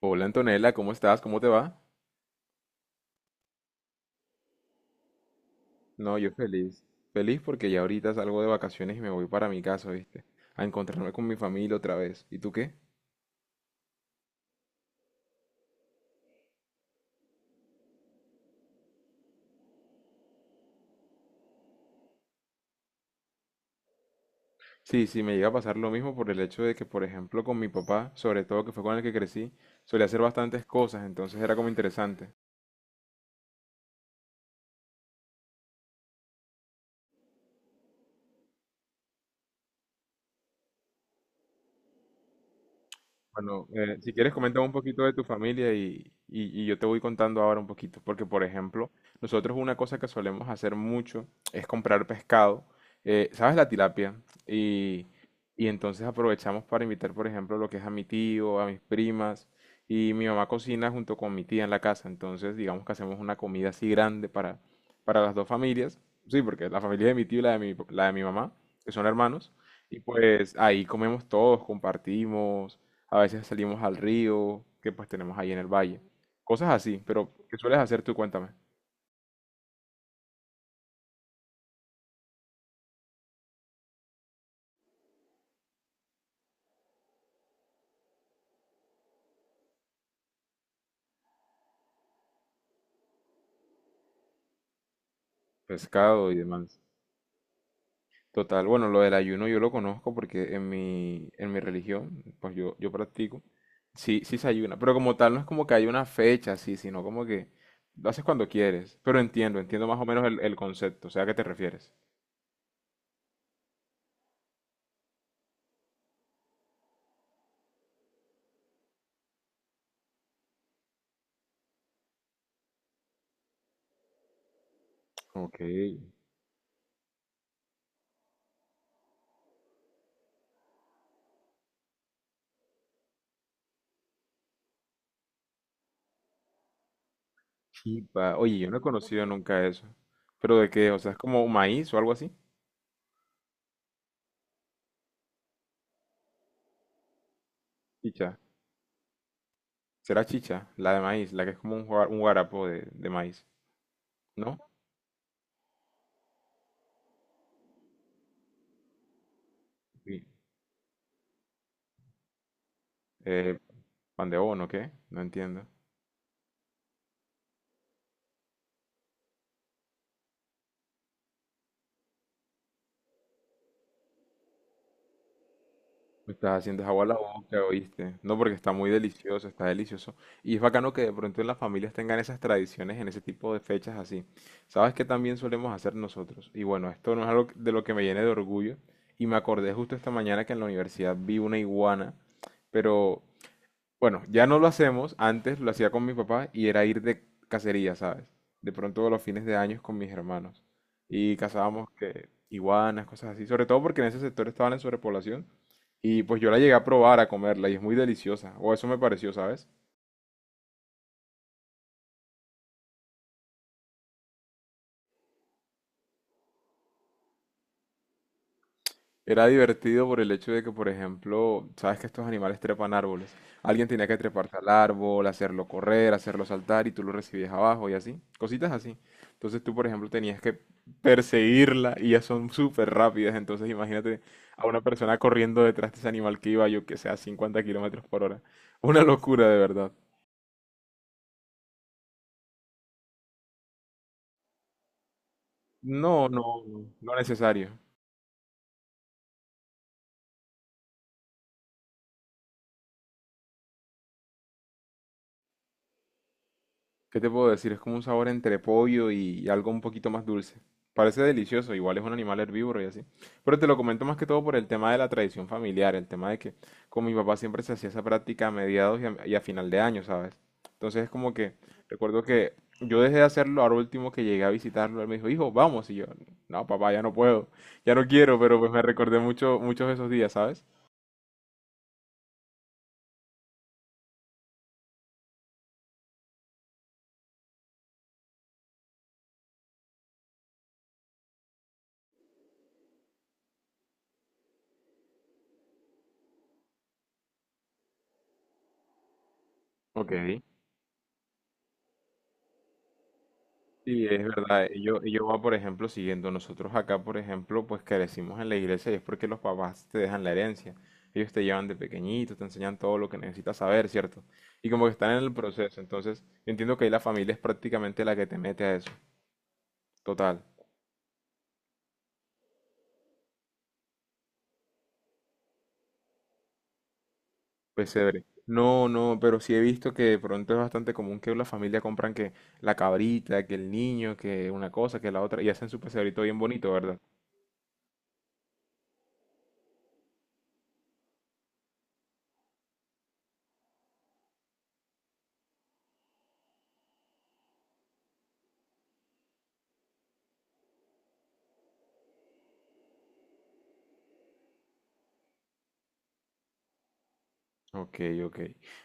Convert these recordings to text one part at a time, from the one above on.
Hola Antonella, ¿cómo estás? ¿Cómo te va? No, yo feliz. Feliz porque ya ahorita salgo de vacaciones y me voy para mi casa, ¿viste? A encontrarme con mi familia otra vez. ¿Y tú qué? Sí, sí, me llega a pasar lo mismo por el hecho de que, por ejemplo, con mi papá, sobre todo que fue con el que crecí, solía hacer bastantes cosas, entonces era como interesante. Bueno, si quieres coméntame un poquito de tu familia y, y yo te voy contando ahora un poquito, porque por ejemplo, nosotros una cosa que solemos hacer mucho es comprar pescado, ¿sabes? La tilapia. Y, y entonces aprovechamos para invitar, por ejemplo, lo que es a mi tío, a mis primas, y mi mamá cocina junto con mi tía en la casa, entonces digamos que hacemos una comida así grande para, las dos familias, sí, porque la familia de mi tío y la de mi mamá, que son hermanos, y pues ahí comemos todos, compartimos a veces salimos al río que pues tenemos ahí en el valle. Cosas así, pero ¿qué sueles hacer tú? Cuéntame. Pescado y demás. Total, bueno, lo del ayuno yo lo conozco porque en mi, religión, pues yo practico, sí, sí se ayuna, pero como tal no es como que hay una fecha así, sino como que lo haces cuando quieres, pero entiendo, entiendo más o menos el concepto, o sea, ¿a qué te refieres? Ok, chipa, oye, yo no he conocido nunca eso, pero ¿de qué? O sea, ¿es como maíz o algo así? Chicha. Será chicha, la de maíz, la que es como un, un guarapo de maíz. ¿No? Sí. Eh, pan de bono, ¿qué? No entiendo. Me estás haciendo es agua a la boca, ¿oíste? No, porque está muy delicioso, está delicioso. Y es bacano que de pronto en las familias tengan esas tradiciones en ese tipo de fechas así. ¿Sabes qué también solemos hacer nosotros? Y bueno, esto no es algo de lo que me llene de orgullo. Y me acordé justo esta mañana que en la universidad vi una iguana, pero bueno, ya no lo hacemos, antes lo hacía con mi papá y era ir de cacería, ¿sabes? De pronto los fines de años con mis hermanos. Y cazábamos que iguanas, cosas así, sobre todo porque en ese sector estaban en sobrepoblación. Y pues yo la llegué a probar, a comerla y es muy deliciosa, o eso me pareció, ¿sabes? Era divertido por el hecho de que, por ejemplo, sabes que estos animales trepan árboles. Alguien tenía que treparse al árbol, hacerlo correr, hacerlo saltar y tú lo recibías abajo y así. Cositas así. Entonces tú, por ejemplo, tenías que perseguirla y ya son súper rápidas. Entonces imagínate a una persona corriendo detrás de ese animal que iba, yo que sé, a 50 kilómetros por hora. Una locura, de verdad. No, no, no necesario. ¿Qué te puedo decir? Es como un sabor entre pollo y algo un poquito más dulce. Parece delicioso, igual es un animal herbívoro y así. Pero te lo comento más que todo por el tema de la tradición familiar, el tema de que con mi papá siempre se hacía esa práctica a mediados y a, final de año, ¿sabes? Entonces es como que recuerdo que yo dejé de hacerlo, ahora último que llegué a visitarlo, él me dijo, hijo, vamos. Y yo, no, papá, ya no puedo, ya no quiero, pero pues me recordé mucho, muchos de esos días, ¿sabes? Ok. Sí, es verdad. yo va, por ejemplo, siguiendo. Nosotros acá, por ejemplo, pues crecimos en la iglesia y es porque los papás te dejan la herencia. Ellos te llevan de pequeñito, te enseñan todo lo que necesitas saber, ¿cierto? Y como que están en el proceso. Entonces, yo entiendo que ahí la familia es prácticamente la que te mete a eso. Total. Pues chévere. No, no, pero sí he visto que de pronto es bastante común que la familia compran que la cabrita, que el niño, que una cosa, que la otra, y hacen su pesebrito bien bonito, ¿verdad? Ok, ok.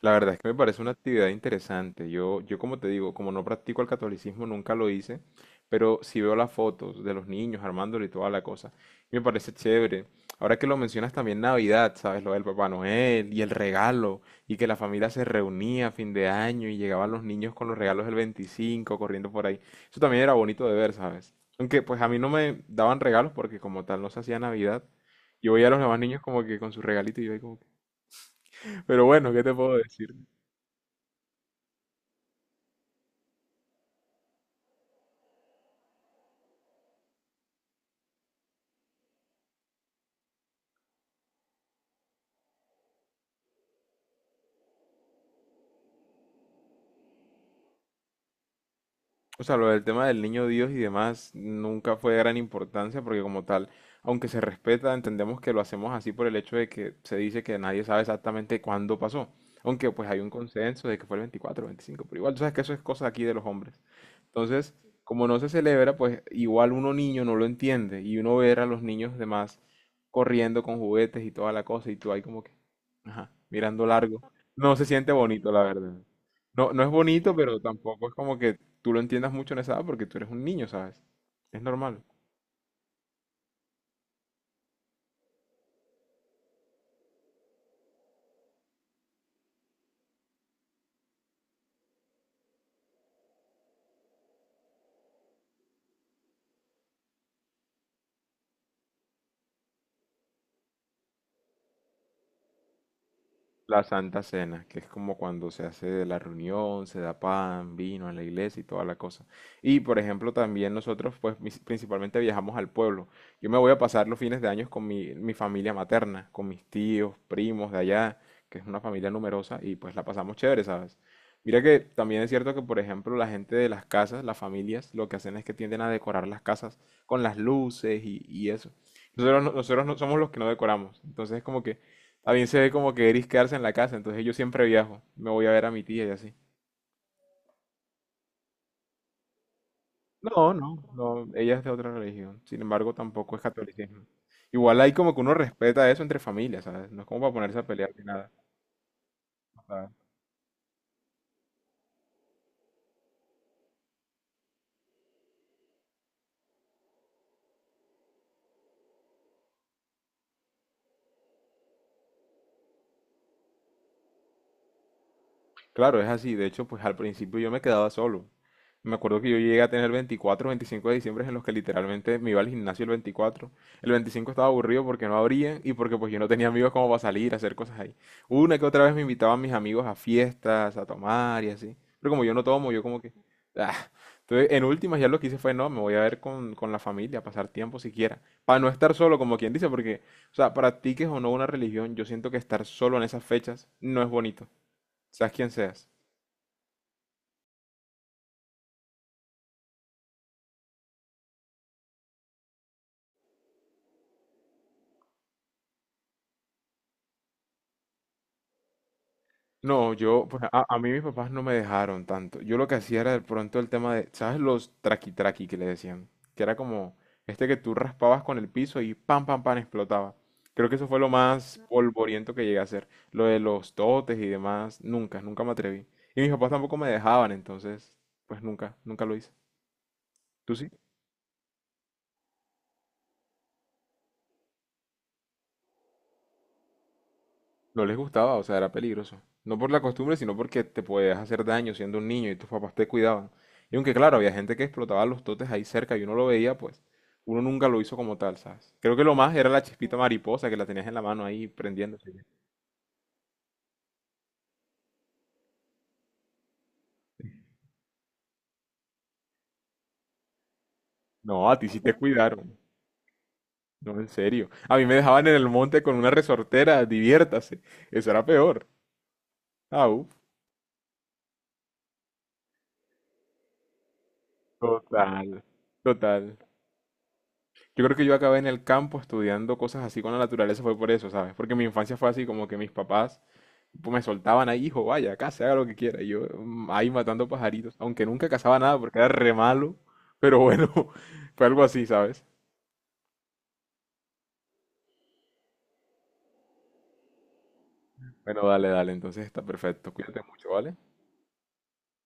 La verdad es que me parece una actividad interesante. yo como te digo, como no practico el catolicismo, nunca lo hice, pero sí veo las fotos de los niños armándolo y toda la cosa. Y me parece chévere. Ahora que lo mencionas también Navidad, ¿sabes? Lo del Papá Noel y el regalo, y que la familia se reunía a fin de año y llegaban los niños con los regalos del 25 corriendo por ahí. Eso también era bonito de ver, ¿sabes? Aunque pues a mí no me daban regalos porque como tal no se hacía Navidad. Yo veía a los demás niños como que con su regalito y yo ahí como pero bueno, ¿qué te puedo decir? O sea, lo del tema del niño Dios y demás nunca fue de gran importancia porque como tal, aunque se respeta, entendemos que lo hacemos así por el hecho de que se dice que nadie sabe exactamente cuándo pasó. Aunque pues hay un consenso de que fue el 24 o 25 pero igual tú sabes que eso es cosa aquí de los hombres. Entonces, como no se celebra, pues igual uno niño no lo entiende y uno ver a los niños demás corriendo con juguetes y toda la cosa y tú ahí como que, ajá, mirando largo. No se siente bonito, la verdad. No, no es bonito, pero tampoco es como que tú lo entiendas mucho en esa edad porque tú eres un niño, ¿sabes? Es normal. La Santa Cena, que es como cuando se hace la reunión, se da pan, vino en la iglesia y toda la cosa. Y por ejemplo, también nosotros, pues principalmente viajamos al pueblo. Yo me voy a pasar los fines de años con mi, familia materna, con mis tíos, primos de allá, que es una familia numerosa, y pues la pasamos chévere, ¿sabes? Mira que también es cierto que, por ejemplo, la gente de las casas, las familias, lo que hacen es que tienden a decorar las casas con las luces y eso. Nosotros, nosotros no somos los que no decoramos. Entonces es como que a mí se ve como que Eris quedarse en la casa, entonces yo siempre viajo. Me voy a ver a mi tía y así. No, no, no, ella es de otra religión. Sin embargo, tampoco es catolicismo. Igual hay como que uno respeta eso entre familias, ¿sabes? No es como para ponerse a pelear ni nada. Claro, es así. De hecho, pues al principio yo me quedaba solo. Me acuerdo que yo llegué a tener 24, 25 de diciembre en los que literalmente me iba al gimnasio el 24. El 25 estaba aburrido porque no abrían y porque pues yo no tenía amigos como para salir a hacer cosas ahí. Una que otra vez me invitaban mis amigos a fiestas, a tomar y así. Pero como yo no tomo, yo como que... ah. Entonces, en últimas ya lo que hice fue, no, me voy a ver con, la familia, pasar tiempo siquiera. Para no estar solo, como quien dice, porque, o sea, practiques o no una religión, yo siento que estar solo en esas fechas no es bonito. Seas quien seas. No, yo, pues a mí mis papás no me dejaron tanto. Yo lo que hacía era de pronto el tema de, ¿sabes? Los traqui traqui que le decían, que era como este que tú raspabas con el piso y pam, pam, pam, explotaba. Creo que eso fue lo más polvoriento que llegué a hacer. Lo de los totes y demás, nunca, nunca me atreví. Y mis papás tampoco me dejaban, entonces, pues nunca, nunca lo hice. ¿Tú sí? No les gustaba, o sea, era peligroso. No por la costumbre, sino porque te podías hacer daño siendo un niño y tus papás te cuidaban. Y aunque claro, había gente que explotaba los totes ahí cerca y uno lo veía, pues uno nunca lo hizo como tal, ¿sabes? Creo que lo más era la chispita mariposa que la tenías en la mano ahí prendiéndose. No, a ti sí te cuidaron. No, en serio. A mí me dejaban en el monte con una resortera, diviértase. Eso era peor. Ah, total, total. Yo creo que yo acabé en el campo estudiando cosas así con la naturaleza, fue por eso, ¿sabes? Porque mi infancia fue así, como que mis papás pues me soltaban ahí, hijo, vaya, case, haga lo que quiera. Y yo ahí matando pajaritos, aunque nunca cazaba nada porque era re malo, pero bueno, fue algo así, ¿sabes? Bueno, dale, dale, entonces está perfecto, cuídate mucho, ¿vale?